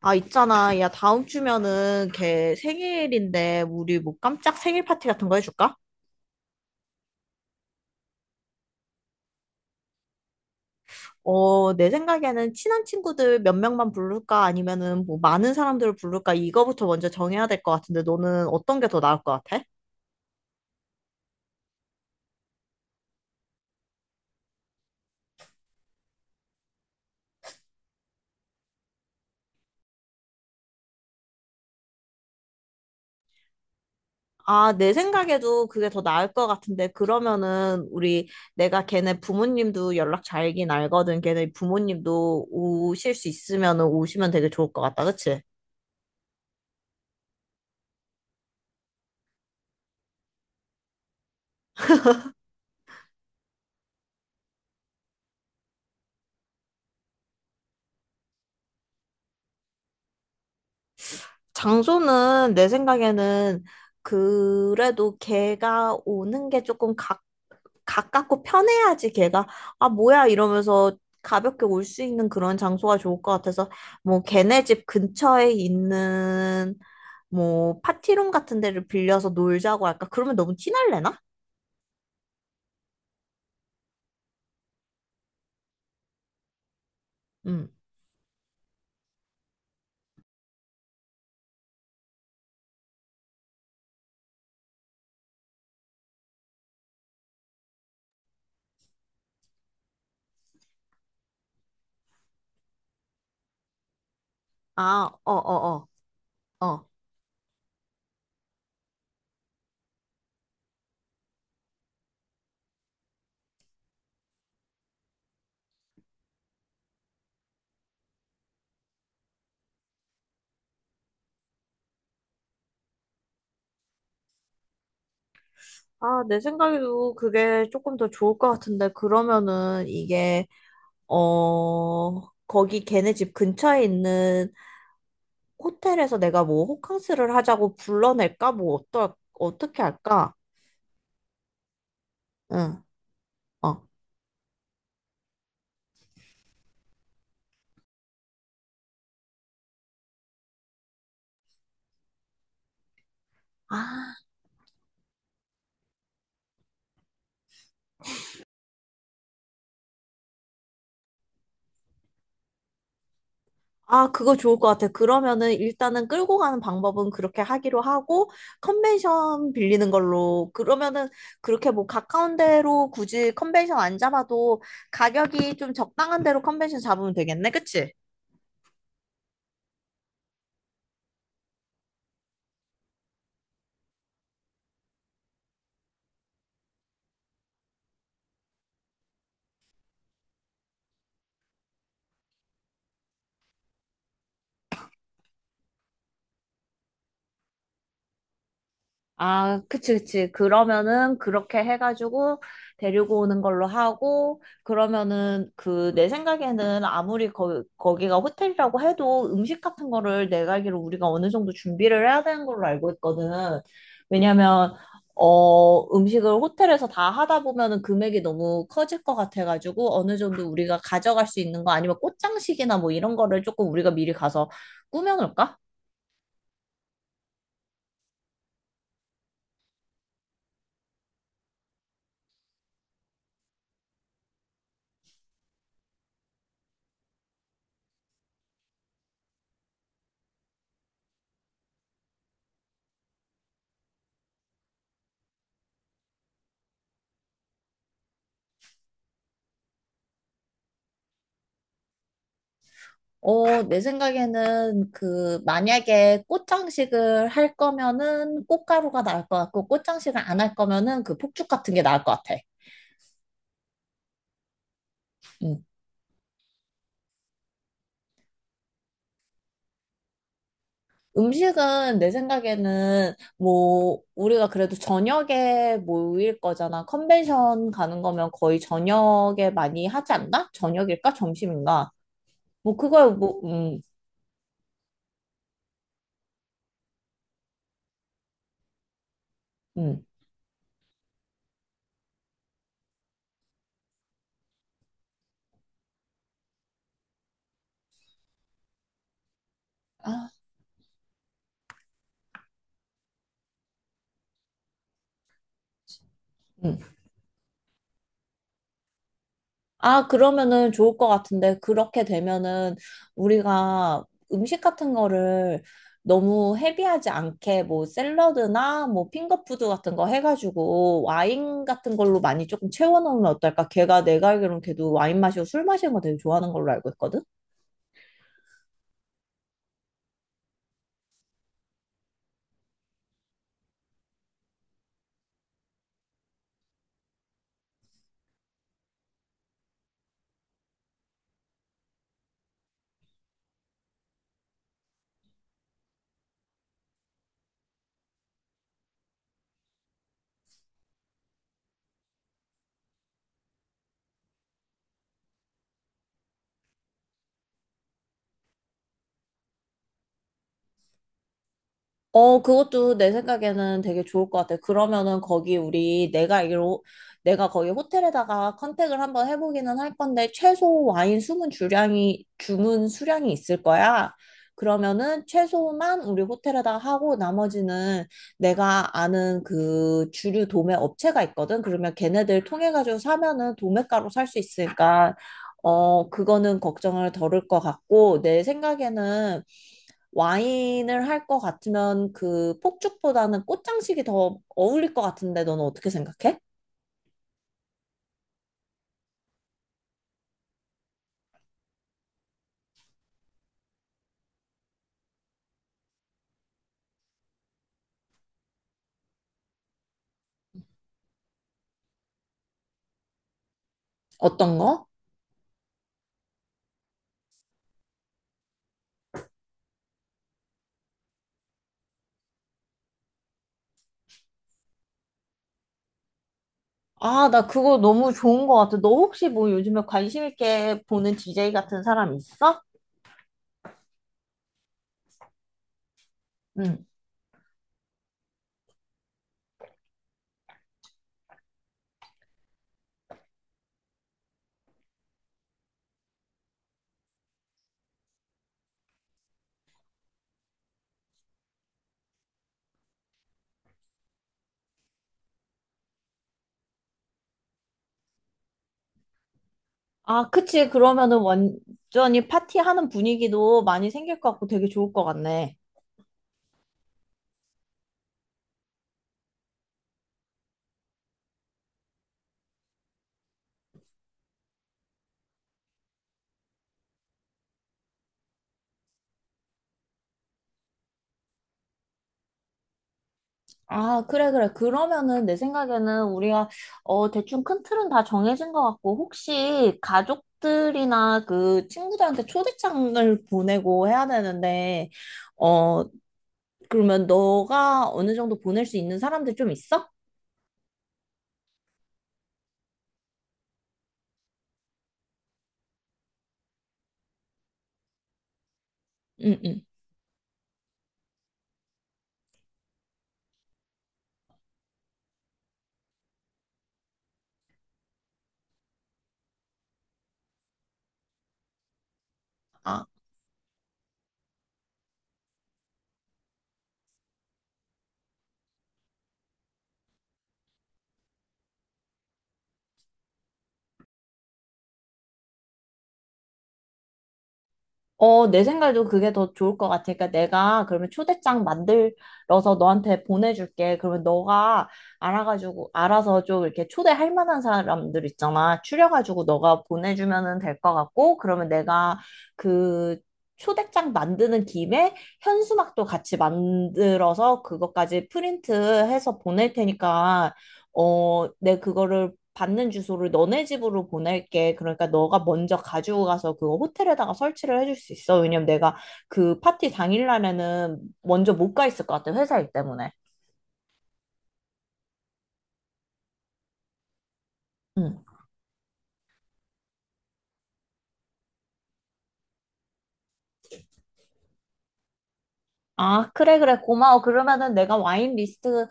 아, 있잖아. 야, 다음 주면은 걔 생일인데, 우리 뭐 깜짝 생일 파티 같은 거 해줄까? 어, 내 생각에는 친한 친구들 몇 명만 부를까? 아니면은 뭐 많은 사람들을 부를까? 이거부터 먼저 정해야 될 것 같은데, 너는 어떤 게 더 나을 것 같아? 아, 내 생각에도 그게 더 나을 것 같은데, 그러면은 우리 내가 걔네 부모님도 연락 잘긴 알거든. 걔네 부모님도 오실 수 있으면은 오시면 되게 좋을 것 같다. 그치? 장소는 내 생각에는 그래도 걔가 오는 게 조금 가깝고 편해야지 걔가 아 뭐야 이러면서 가볍게 올 수 있는 그런 장소가 좋을 것 같아서 뭐 걔네 집 근처에 있는 뭐 파티룸 같은 데를 빌려서 놀자고 할까? 그러면 너무 티날래나? 음. 아, 어, 어, 어, 어. 아, 내 생각에도 그게 조금 더 좋을 것 같은데 그러면은 이게 어, 거기 걔네 집 근처에 있는 호텔에서 내가 뭐 호캉스를 하자고 불러낼까? 어떻게 할까? 응, 어. 아, 아, 그거 좋을 것 같아. 그러면은 일단은 끌고 가는 방법은 그렇게 하기로 하고, 컨벤션 빌리는 걸로. 그러면은 그렇게 뭐 가까운 데로 굳이 컨벤션 안 잡아도 가격이 좀 적당한 데로 컨벤션 잡으면 되겠네. 그치? 아, 그치, 그치. 그러면은 그렇게 해가지고 데리고 오는 걸로 하고, 그러면은 그 내 생각에는 아무리 거기가 호텔이라고 해도 음식 같은 거를 내가 알기로 우리가 어느 정도 준비를 해야 되는 걸로 알고 있거든. 왜냐면, 어, 음식을 호텔에서 다 하다 보면은 금액이 너무 커질 것 같아가지고 어느 정도 우리가 가져갈 수 있는 거 아니면 꽃장식이나 뭐 이런 거를 조금 우리가 미리 가서 꾸며놓을까? 어, 내 생각에는 그 만약에 꽃장식을 할 거면은 꽃가루가 나을 것 같고 꽃장식을 안 할 거면은 그 폭죽 같은 게 나을 것 같아. 음. 음식은 내 생각에는 뭐 우리가 그래도 저녁에 모일 거잖아. 컨벤션 가는 거면 거의 저녁에 많이 하지 않나? 저녁일까? 점심인가? 뭐 그걸 뭐 음. 아, 음. 아, 그러면은 좋을 것 같은데, 그렇게 되면은 우리가 음식 같은 거를 너무 헤비하지 않게 뭐 샐러드나 뭐 핑거푸드 같은 거 해가지고 와인 같은 걸로 많이 조금 채워놓으면 어떨까? 걔가 내가 알기로는 걔도 와인 마시고 술 마시는 거 되게 좋아하는 걸로 알고 있거든? 어, 그것도 내 생각에는 되게 좋을 것 같아. 그러면은 거기 우리 내가 알기로 내가 거기 호텔에다가 컨택을 한번 해보기는 할 건데 최소 와인 주문 주량이 주문 수량이 있을 거야. 그러면은 최소만 우리 호텔에다가 하고 나머지는 내가 아는 그 주류 도매 업체가 있거든. 그러면 걔네들 통해 가지고 사면은 도매가로 살 수 있으니까 어, 그거는 걱정을 덜을 것 같고 내 생각에는 와인을 할 것 같으면 그 폭죽보다는 꽃장식이 더 어울릴 것 같은데 너는 어떻게 생각해? 어떤 거? 아, 나 그거 너무 좋은 것 같아. 너 혹시 뭐 요즘에 관심 있게 보는 DJ 같은 사람 있어? 응. 아, 그치. 그러면은 완전히 파티하는 분위기도 많이 생길 것 같고 되게 좋을 것 같네. 아, 그래, 그래. 그러면은 내 생각에는 우리가, 어, 대충 큰 틀은 다 정해진 것 같고, 혹시 가족들이나 그 친구들한테 초대장을 보내고 해야 되는데, 어, 그러면 너가 어느 정도 보낼 수 있는 사람들 좀 있어? 응, 응. 어, 내 생각에도 그게 더 좋을 것 같으니까 내가 그러면 초대장 만들어서 너한테 보내줄게. 그러면 너가 알아가지고, 알아서 좀 이렇게 초대할 만한 사람들 있잖아. 추려가지고 너가 보내주면은 될 것 같고, 그러면 내가 그 초대장 만드는 김에 현수막도 같이 만들어서 그것까지 프린트해서 보낼 테니까 어, 내 그거를 받는 주소를 너네 집으로 보낼게. 그러니까 너가 먼저 가지고 가서 그거 호텔에다가 설치를 해줄 수 있어. 왜냐면 내가 그 파티 당일날에는 먼저 못 가 있을 것 같아. 회사 일 때문에. 응. 아, 그래, 그래. 고마워. 그러면은 내가 와인 리스트랑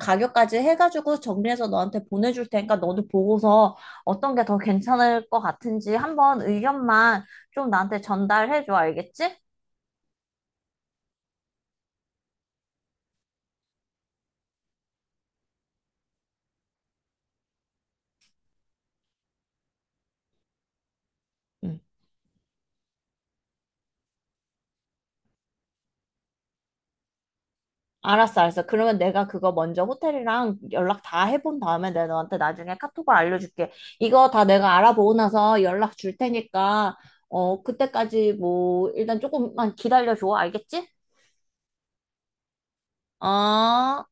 가격까지 해가지고 정리해서 너한테 보내줄 테니까 너도 보고서 어떤 게 더 괜찮을 것 같은지 한번 의견만 좀 나한테 전달해줘. 알겠지? 응. 알았어, 알았어. 그러면 내가 그거 먼저 호텔이랑 연락 다 해본 다음에 내가 너한테 나중에 카톡을 알려줄게. 이거 다 내가 알아보고 나서 연락 줄 테니까, 어, 그때까지 뭐, 일단 조금만 기다려줘. 알겠지? 어.